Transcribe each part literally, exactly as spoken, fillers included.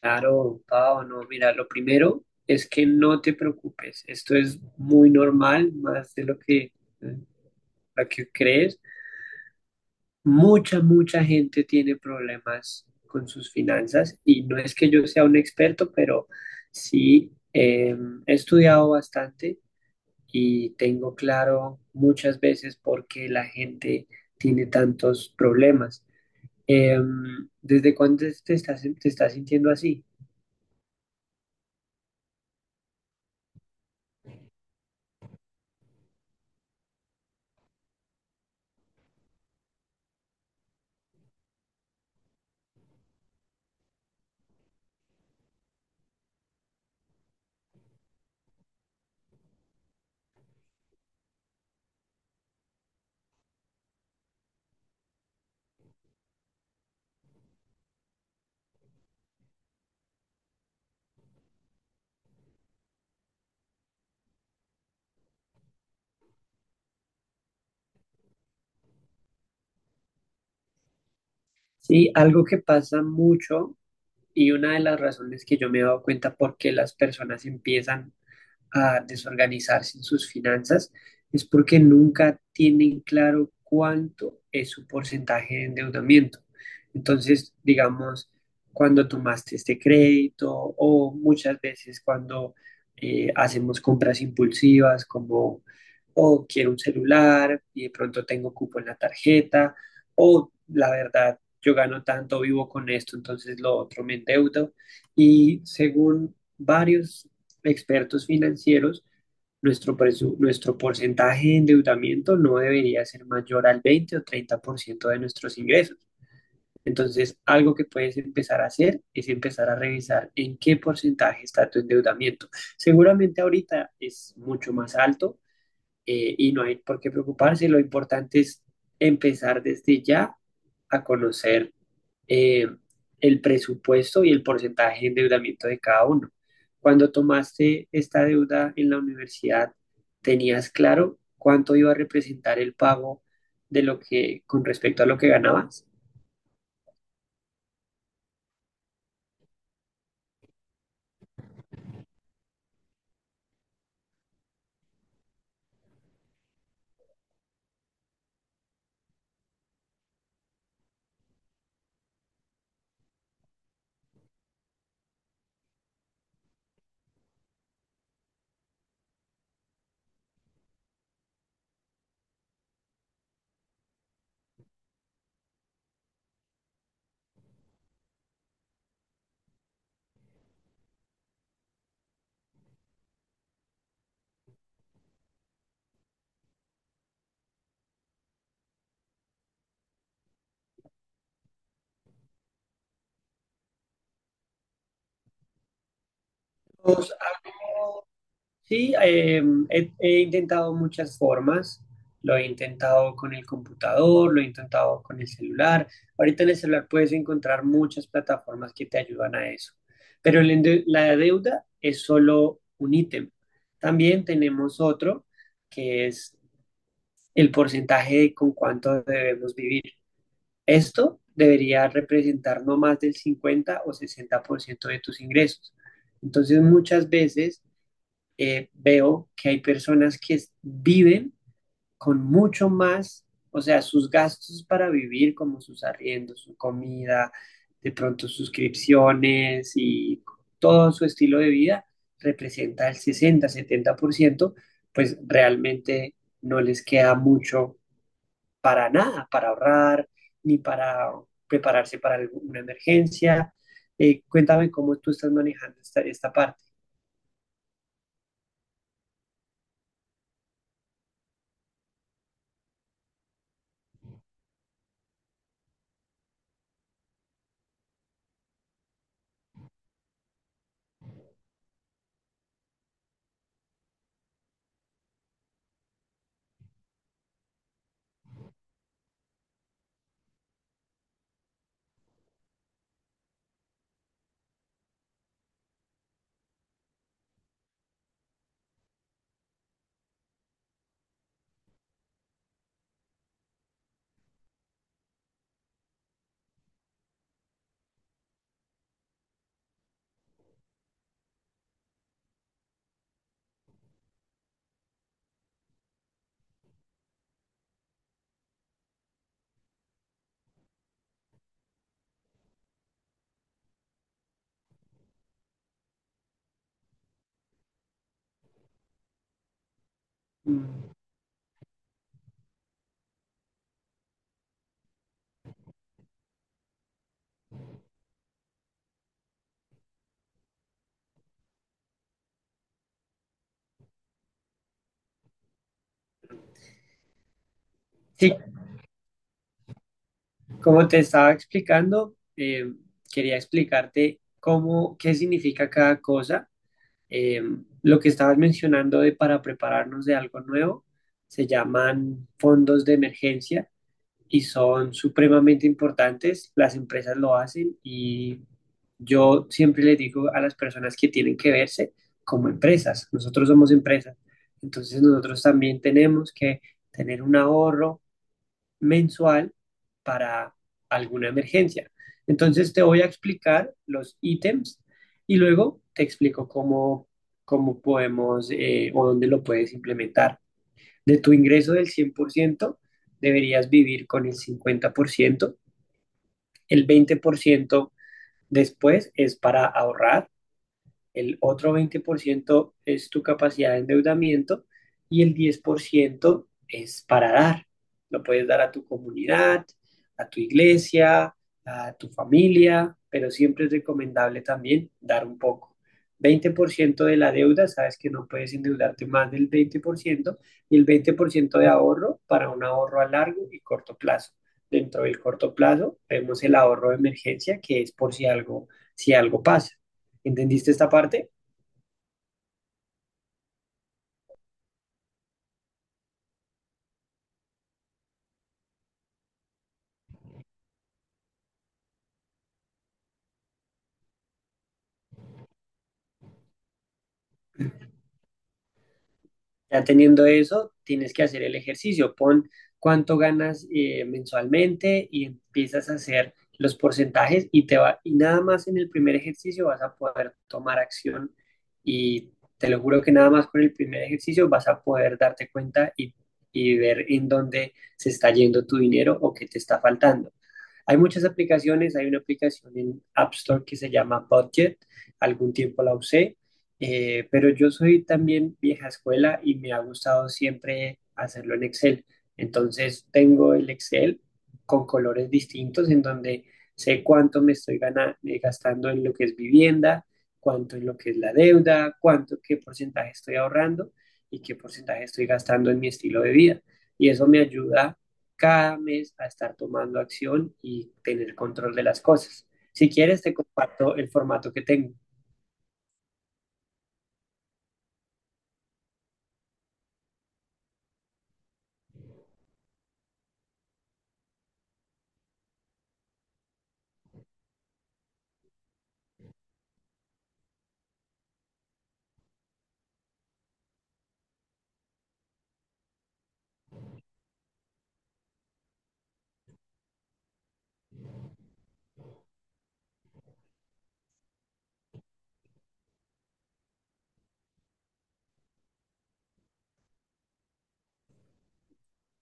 Claro, Pau, no, mira, lo primero es que no te preocupes, esto es muy normal, más de lo que, lo que crees. Mucha, mucha gente tiene problemas con sus finanzas y no es que yo sea un experto, pero sí, eh, he estudiado bastante y tengo claro muchas veces por qué la gente tiene tantos problemas. Em, ¿desde cuándo te estás, te estás sintiendo así? Sí, algo que pasa mucho. Y una de las razones que yo me he dado cuenta por qué las personas empiezan a desorganizarse en sus finanzas es porque nunca tienen claro cuánto es su porcentaje de endeudamiento. Entonces, digamos, cuando tomaste este crédito o muchas veces cuando eh, hacemos compras impulsivas como, oh, quiero un celular y de pronto tengo cupo en la tarjeta, o la verdad, yo gano tanto, vivo con esto, entonces lo otro me endeudo. Y según varios expertos financieros, nuestro, presu- nuestro porcentaje de endeudamiento no debería ser mayor al veinte o treinta por ciento de nuestros ingresos. Entonces, algo que puedes empezar a hacer es empezar a revisar en qué porcentaje está tu endeudamiento. Seguramente ahorita es mucho más alto, eh, y no hay por qué preocuparse. Lo importante es empezar desde ya a conocer eh, el presupuesto y el porcentaje de endeudamiento de cada uno. Cuando tomaste esta deuda en la universidad, ¿tenías claro cuánto iba a representar el pago de lo que con respecto a lo que ganabas? Todos. Sí, eh, he, he intentado muchas formas. Lo he intentado con el computador, lo he intentado con el celular. Ahorita en el celular puedes encontrar muchas plataformas que te ayudan a eso. Pero el ende- la deuda es solo un ítem. También tenemos otro que es el porcentaje de con cuánto debemos vivir. Esto debería representar no más del cincuenta o sesenta por ciento de tus ingresos. Entonces, muchas veces eh, veo que hay personas que viven con mucho más, o sea, sus gastos para vivir, como sus arriendos, su comida, de pronto suscripciones y todo su estilo de vida representa el sesenta, setenta por ciento, pues realmente no les queda mucho para nada, para ahorrar, ni para prepararse para alguna emergencia. Eh, cuéntame cómo tú estás manejando esta, esta parte. Mm. Sí, como te estaba explicando, eh, quería explicarte cómo, qué significa cada cosa. Eh, lo que estabas mencionando de para prepararnos de algo nuevo se llaman fondos de emergencia y son supremamente importantes. Las empresas lo hacen y yo siempre les digo a las personas que tienen que verse como empresas. Nosotros somos empresas, entonces nosotros también tenemos que tener un ahorro mensual para alguna emergencia. Entonces te voy a explicar los ítems y luego te explico cómo, cómo podemos, eh, o dónde lo puedes implementar. De tu ingreso del cien por ciento deberías vivir con el cincuenta por ciento. El veinte por ciento después es para ahorrar, el otro veinte por ciento es tu capacidad de endeudamiento y el diez por ciento es para dar. Lo puedes dar a tu comunidad, a tu iglesia, a tu familia, pero siempre es recomendable también dar un poco. Veinte por ciento de la deuda, sabes que no puedes endeudarte más del veinte por ciento y el veinte por ciento de ahorro para un ahorro a largo y corto plazo. Dentro del corto plazo vemos el ahorro de emergencia, que es por si algo, si algo pasa. ¿Entendiste esta parte? Ya teniendo eso, tienes que hacer el ejercicio. Pon cuánto ganas eh, mensualmente y empiezas a hacer los porcentajes y te va, y nada más en el primer ejercicio vas a poder tomar acción, y te lo juro que nada más con el primer ejercicio vas a poder darte cuenta y, y ver en dónde se está yendo tu dinero o qué te está faltando. Hay muchas aplicaciones, hay una aplicación en App Store que se llama Budget, algún tiempo la usé, eh, pero yo soy también vieja escuela y me ha gustado siempre hacerlo en Excel. Entonces tengo el Excel con colores distintos en donde sé cuánto me estoy gana- eh, gastando en lo que es vivienda, cuánto en lo que es la deuda, cuánto, qué porcentaje estoy ahorrando y qué porcentaje estoy gastando en mi estilo de vida. Y eso me ayuda cada mes a estar tomando acción y tener control de las cosas. Si quieres, te comparto el formato que tengo.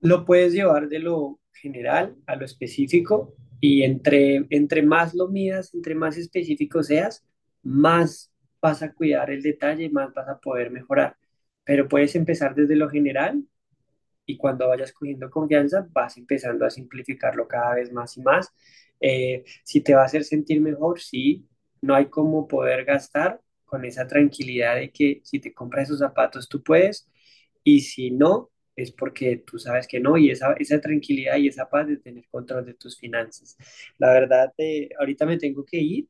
Lo puedes llevar de lo general a lo específico y entre, entre más lo midas, entre más específico seas, más vas a cuidar el detalle, más vas a poder mejorar. Pero puedes empezar desde lo general y cuando vayas cogiendo confianza vas empezando a simplificarlo cada vez más y más. Eh, si te va a hacer sentir mejor, sí, no hay cómo poder gastar con esa tranquilidad de que si te compras esos zapatos tú puedes y si no, es porque tú sabes que no, y esa, esa tranquilidad y esa paz de tener control de tus finanzas. La verdad, eh, ahorita me tengo que ir,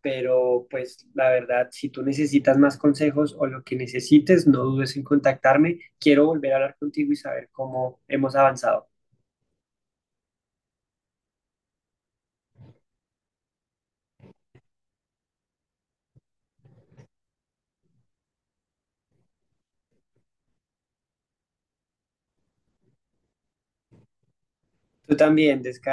pero pues la verdad, si tú necesitas más consejos o lo que necesites, no dudes en contactarme. Quiero volver a hablar contigo y saber cómo hemos avanzado. Tú también, descansa.